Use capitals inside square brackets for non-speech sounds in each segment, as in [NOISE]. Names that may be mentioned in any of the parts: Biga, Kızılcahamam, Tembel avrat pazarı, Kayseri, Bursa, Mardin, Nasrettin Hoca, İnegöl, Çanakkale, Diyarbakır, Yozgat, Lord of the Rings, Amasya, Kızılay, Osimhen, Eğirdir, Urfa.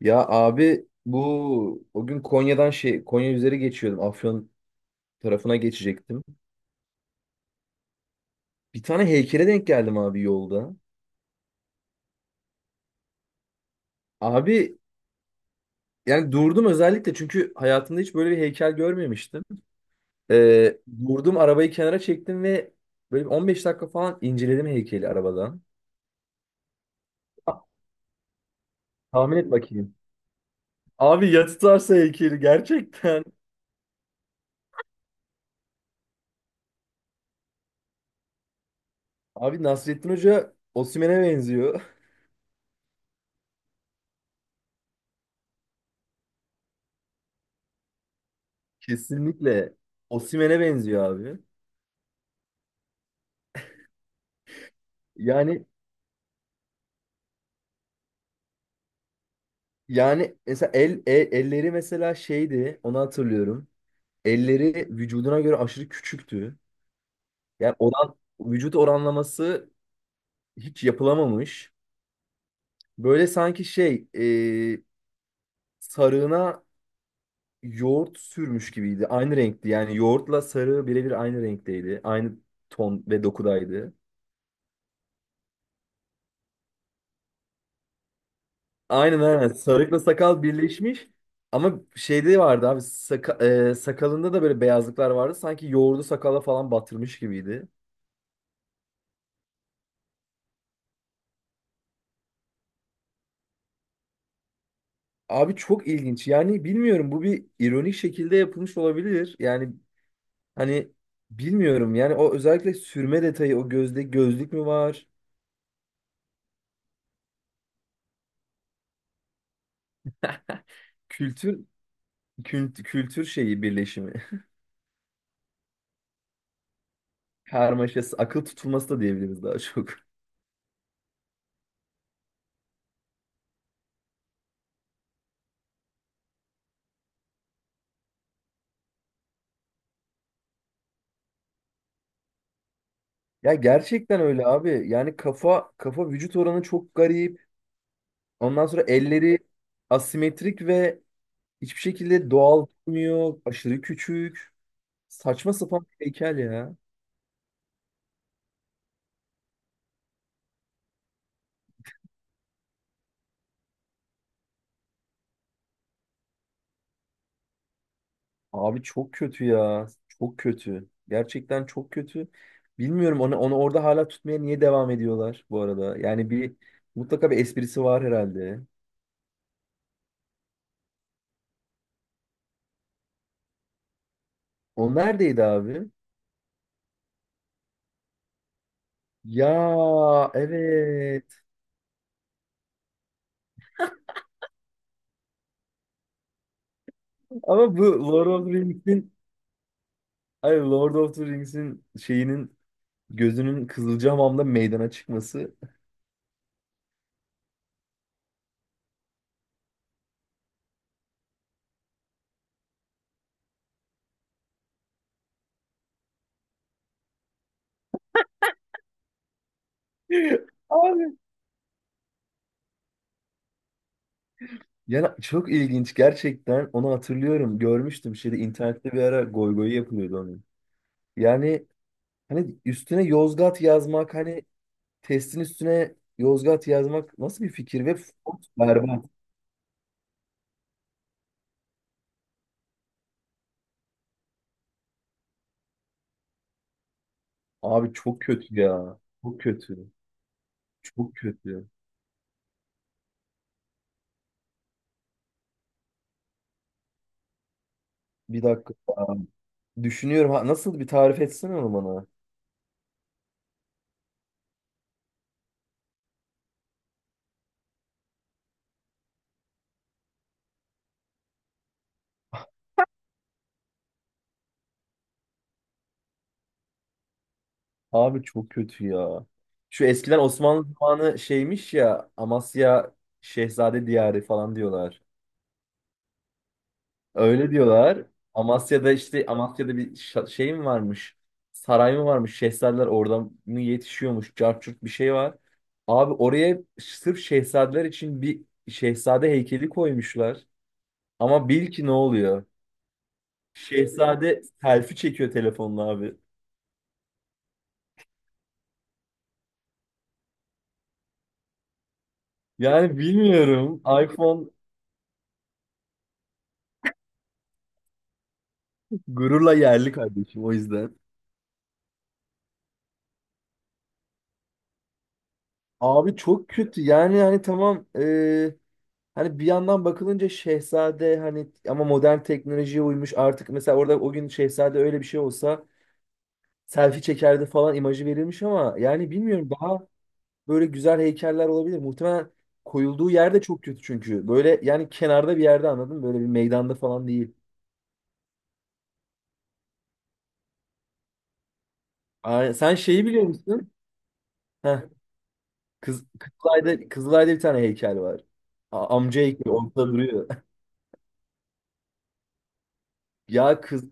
Ya abi bu o gün Konya'dan Konya üzeri geçiyordum. Afyon tarafına geçecektim. Bir tane heykele denk geldim abi yolda. Abi yani durdum özellikle çünkü hayatımda hiç böyle bir heykel görmemiştim. Ee, Durdum, arabayı kenara çektim ve böyle bir 15 dakika falan inceledim heykeli arabadan. Ah, Tahmin et bakayım. Abi ya tutarsa heykeli gerçekten. Abi Nasrettin Hoca Osimhen'e benziyor. [LAUGHS] Kesinlikle Osimhen'e benziyor abi. Yani Yani mesela elleri mesela şeydi, onu hatırlıyorum. Elleri vücuduna göre aşırı küçüktü. Yani vücut oranlaması hiç yapılamamış. Böyle sanki e, sarığına yoğurt sürmüş gibiydi. Aynı renkti. Yani yoğurtla sarı birebir aynı renkteydi. Aynı ton ve dokudaydı. Aynen aynen. Sarıkla sakal birleşmiş. Ama şeyde vardı abi sakalında da böyle beyazlıklar vardı. Sanki yoğurdu sakala falan batırmış gibiydi. Abi çok ilginç. Yani bilmiyorum, bu bir ironik şekilde yapılmış olabilir. Yani hani bilmiyorum. Yani o özellikle sürme detayı, o gözde gözlük mü var? Kültür kültür şeyi birleşimi. [LAUGHS] Karmaşası, akıl tutulması da diyebiliriz daha çok. Ya gerçekten öyle abi. Yani kafa vücut oranı çok garip. Ondan sonra elleri asimetrik ve hiçbir şekilde doğal durmuyor. Aşırı küçük. Saçma sapan bir heykel ya. Abi çok kötü ya. Çok kötü. Gerçekten çok kötü. Bilmiyorum onu orada hala tutmaya niye devam ediyorlar bu arada. Yani bir Mutlaka bir esprisi var herhalde. O neredeydi abi? Ya, evet. Ama bu Lord of the Rings'in, ay, Lord of the Rings'in şeyinin gözünün Kızılcahamam'da meydana çıkması. [LAUGHS] Abi. Yani çok ilginç gerçekten. Onu hatırlıyorum. Görmüştüm şeyde internette bir ara goy goy yapılıyordu onun. Yani hani üstüne Yozgat yazmak, hani testin üstüne Yozgat yazmak nasıl bir fikir, ve font berbat. Abi çok kötü ya. Çok kötü. Çok kötü. Bir dakika. Abi. Düşünüyorum ha, nasıl, bir tarif etsene onu bana. Abi çok kötü ya. Şu eskiden Osmanlı zamanı şeymiş ya, Amasya Şehzade Diyarı falan diyorlar. Öyle diyorlar. Amasya'da işte, Amasya'da bir şey mi varmış? Saray mı varmış? Şehzadeler oradan mı yetişiyormuş? Cart curt bir şey var. Abi oraya sırf şehzadeler için bir şehzade heykeli koymuşlar. Ama bil ki ne oluyor? Şehzade selfie çekiyor telefonla abi. Yani bilmiyorum. iPhone gururla yerli kardeşim o yüzden. Abi çok kötü. Yani hani tamam, hani bir yandan bakılınca Şehzade hani ama modern teknolojiye uymuş artık, mesela orada o gün Şehzade öyle bir şey olsa selfie çekerdi falan imajı verilmiş ama yani bilmiyorum, daha böyle güzel heykeller olabilir. Muhtemelen koyulduğu yerde çok kötü çünkü. Böyle yani kenarda bir yerde, anladın mı? Böyle bir meydanda falan değil. Sen şeyi biliyor musun? Heh, Kızılay'da, Kızılay'da bir tane heykel var. Amca heykeli ortada duruyor. [LAUGHS] Ya kız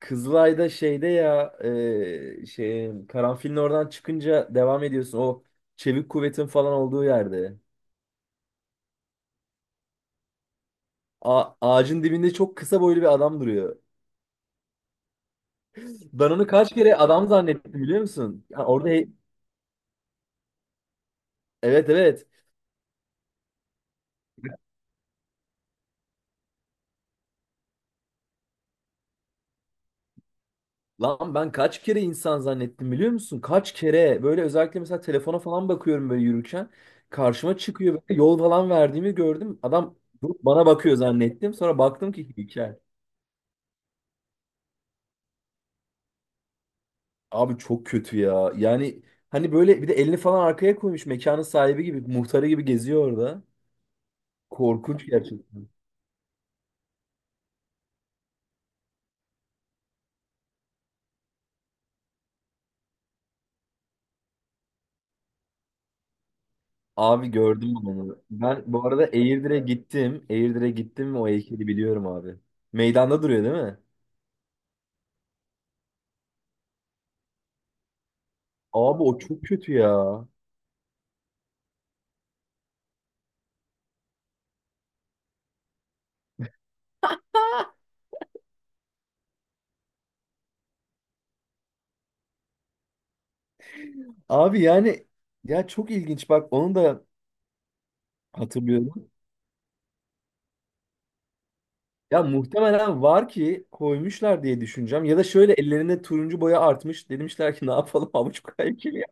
Kızılay'da şeyde ya e, şey karanfilin oradan çıkınca devam ediyorsun. O çevik kuvvetin falan olduğu yerde. Ağacın dibinde çok kısa boylu bir adam duruyor. Ben onu kaç kere adam zannettim, biliyor musun? Ya orada evet, evet. Lan ben kaç kere insan zannettim, biliyor musun? Kaç kere böyle özellikle mesela telefona falan bakıyorum böyle yürürken, karşıma çıkıyor, böyle yol falan verdiğimi gördüm. Adam durup bana bakıyor zannettim. Sonra baktım ki hikaye. Abi çok kötü ya. Yani hani böyle bir de elini falan arkaya koymuş, mekanın sahibi gibi, muhtarı gibi geziyor orada. Korkunç gerçekten. Abi gördüm ben onu. Ben bu arada Eğirdir'e gittim. Eğirdir'e gittim ve o heykeli biliyorum abi. Meydanda duruyor değil mi? Abi o çok kötü ya. Abi yani, ya çok ilginç, bak onu da hatırlıyorum. Ya muhtemelen var ki koymuşlar diye düşüneceğim. Ya da şöyle, ellerinde turuncu boya artmış. Demişler ki ne yapalım, [LAUGHS] avuç heykeli ya.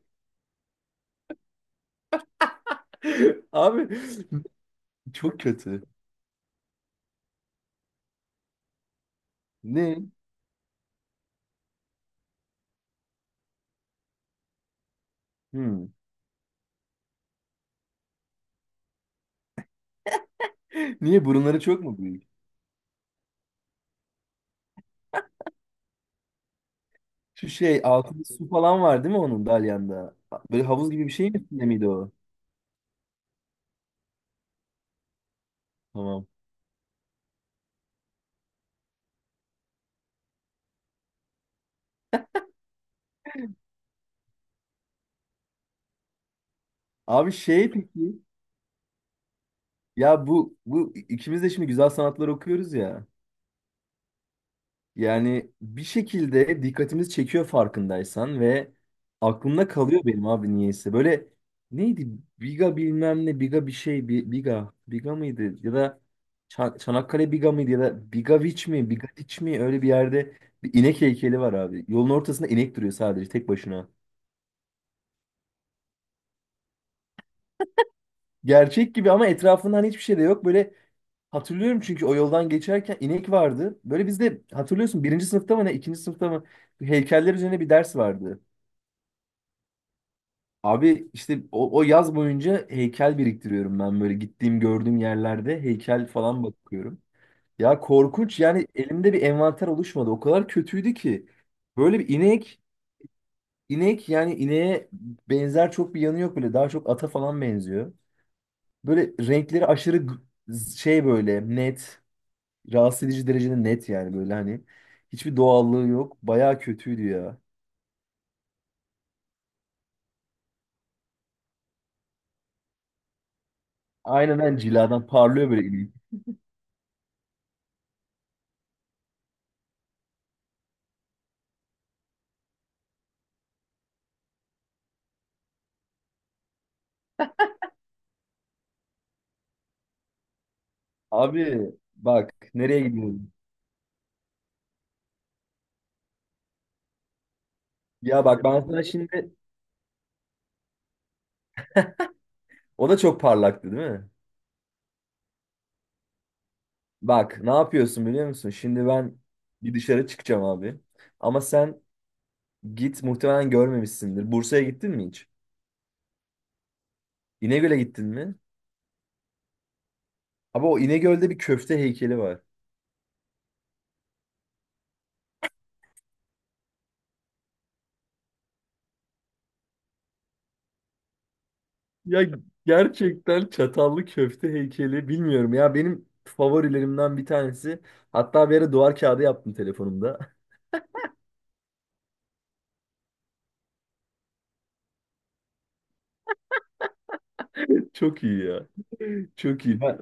[LAUGHS] Abi çok kötü. Ne? Hmm. Niye burunları çok mu büyük? Şu şey altında su falan var değil mi onun dalyanda? Böyle havuz gibi bir şey miydi o? Tamam. Abi, peki ya, bu ikimiz de şimdi güzel sanatlar okuyoruz ya. Yani bir şekilde dikkatimizi çekiyor, farkındaysan, ve aklımda kalıyor benim abi, niyeyse. Böyle neydi? Biga bilmem ne, Biga bir şey, Bi- Biga, Biga mıydı? Ya da Çanakkale Biga mıydı? Ya da Bigaviç mi, Bigadiç mi? Öyle bir yerde bir inek heykeli var abi. Yolun ortasında inek duruyor, sadece tek başına. Gerçek gibi ama etrafında hani hiçbir şey de yok. Böyle hatırlıyorum çünkü o yoldan geçerken inek vardı. Böyle bizde hatırlıyorsun, birinci sınıfta mı ne, ikinci sınıfta mı, heykeller üzerine bir ders vardı. Abi işte o yaz boyunca heykel biriktiriyorum ben, böyle gittiğim gördüğüm yerlerde heykel falan bakıyorum. Ya korkunç yani, elimde bir envanter oluşmadı. O kadar kötüydü ki. Böyle bir inek, yani ineğe benzer çok bir yanı yok böyle. Daha çok ata falan benziyor. Böyle renkleri aşırı böyle net, rahatsız edici derecede net yani, böyle hani. Hiçbir doğallığı yok. Bayağı kötüydü ya. Aynen, ben ciladan parlıyor böyle inek. Abi bak nereye gidiyoruz? Ya bak ben sana şimdi, o da çok parlaktı değil mi? Bak ne yapıyorsun biliyor musun? Şimdi ben bir dışarı çıkacağım abi. Ama sen git, muhtemelen görmemişsindir. Bursa'ya gittin mi hiç? İnegöl'e gittin mi? Abi o İnegöl'de bir köfte heykeli var. Ya gerçekten çatallı köfte heykeli, bilmiyorum ya, benim favorilerimden bir tanesi. Hatta bir ara duvar kağıdı yaptım telefonumda. [LAUGHS] Çok iyi ya. Çok iyi.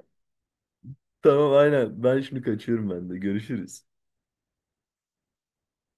Tamam aynen. Ben şimdi kaçıyorum ben de. Görüşürüz.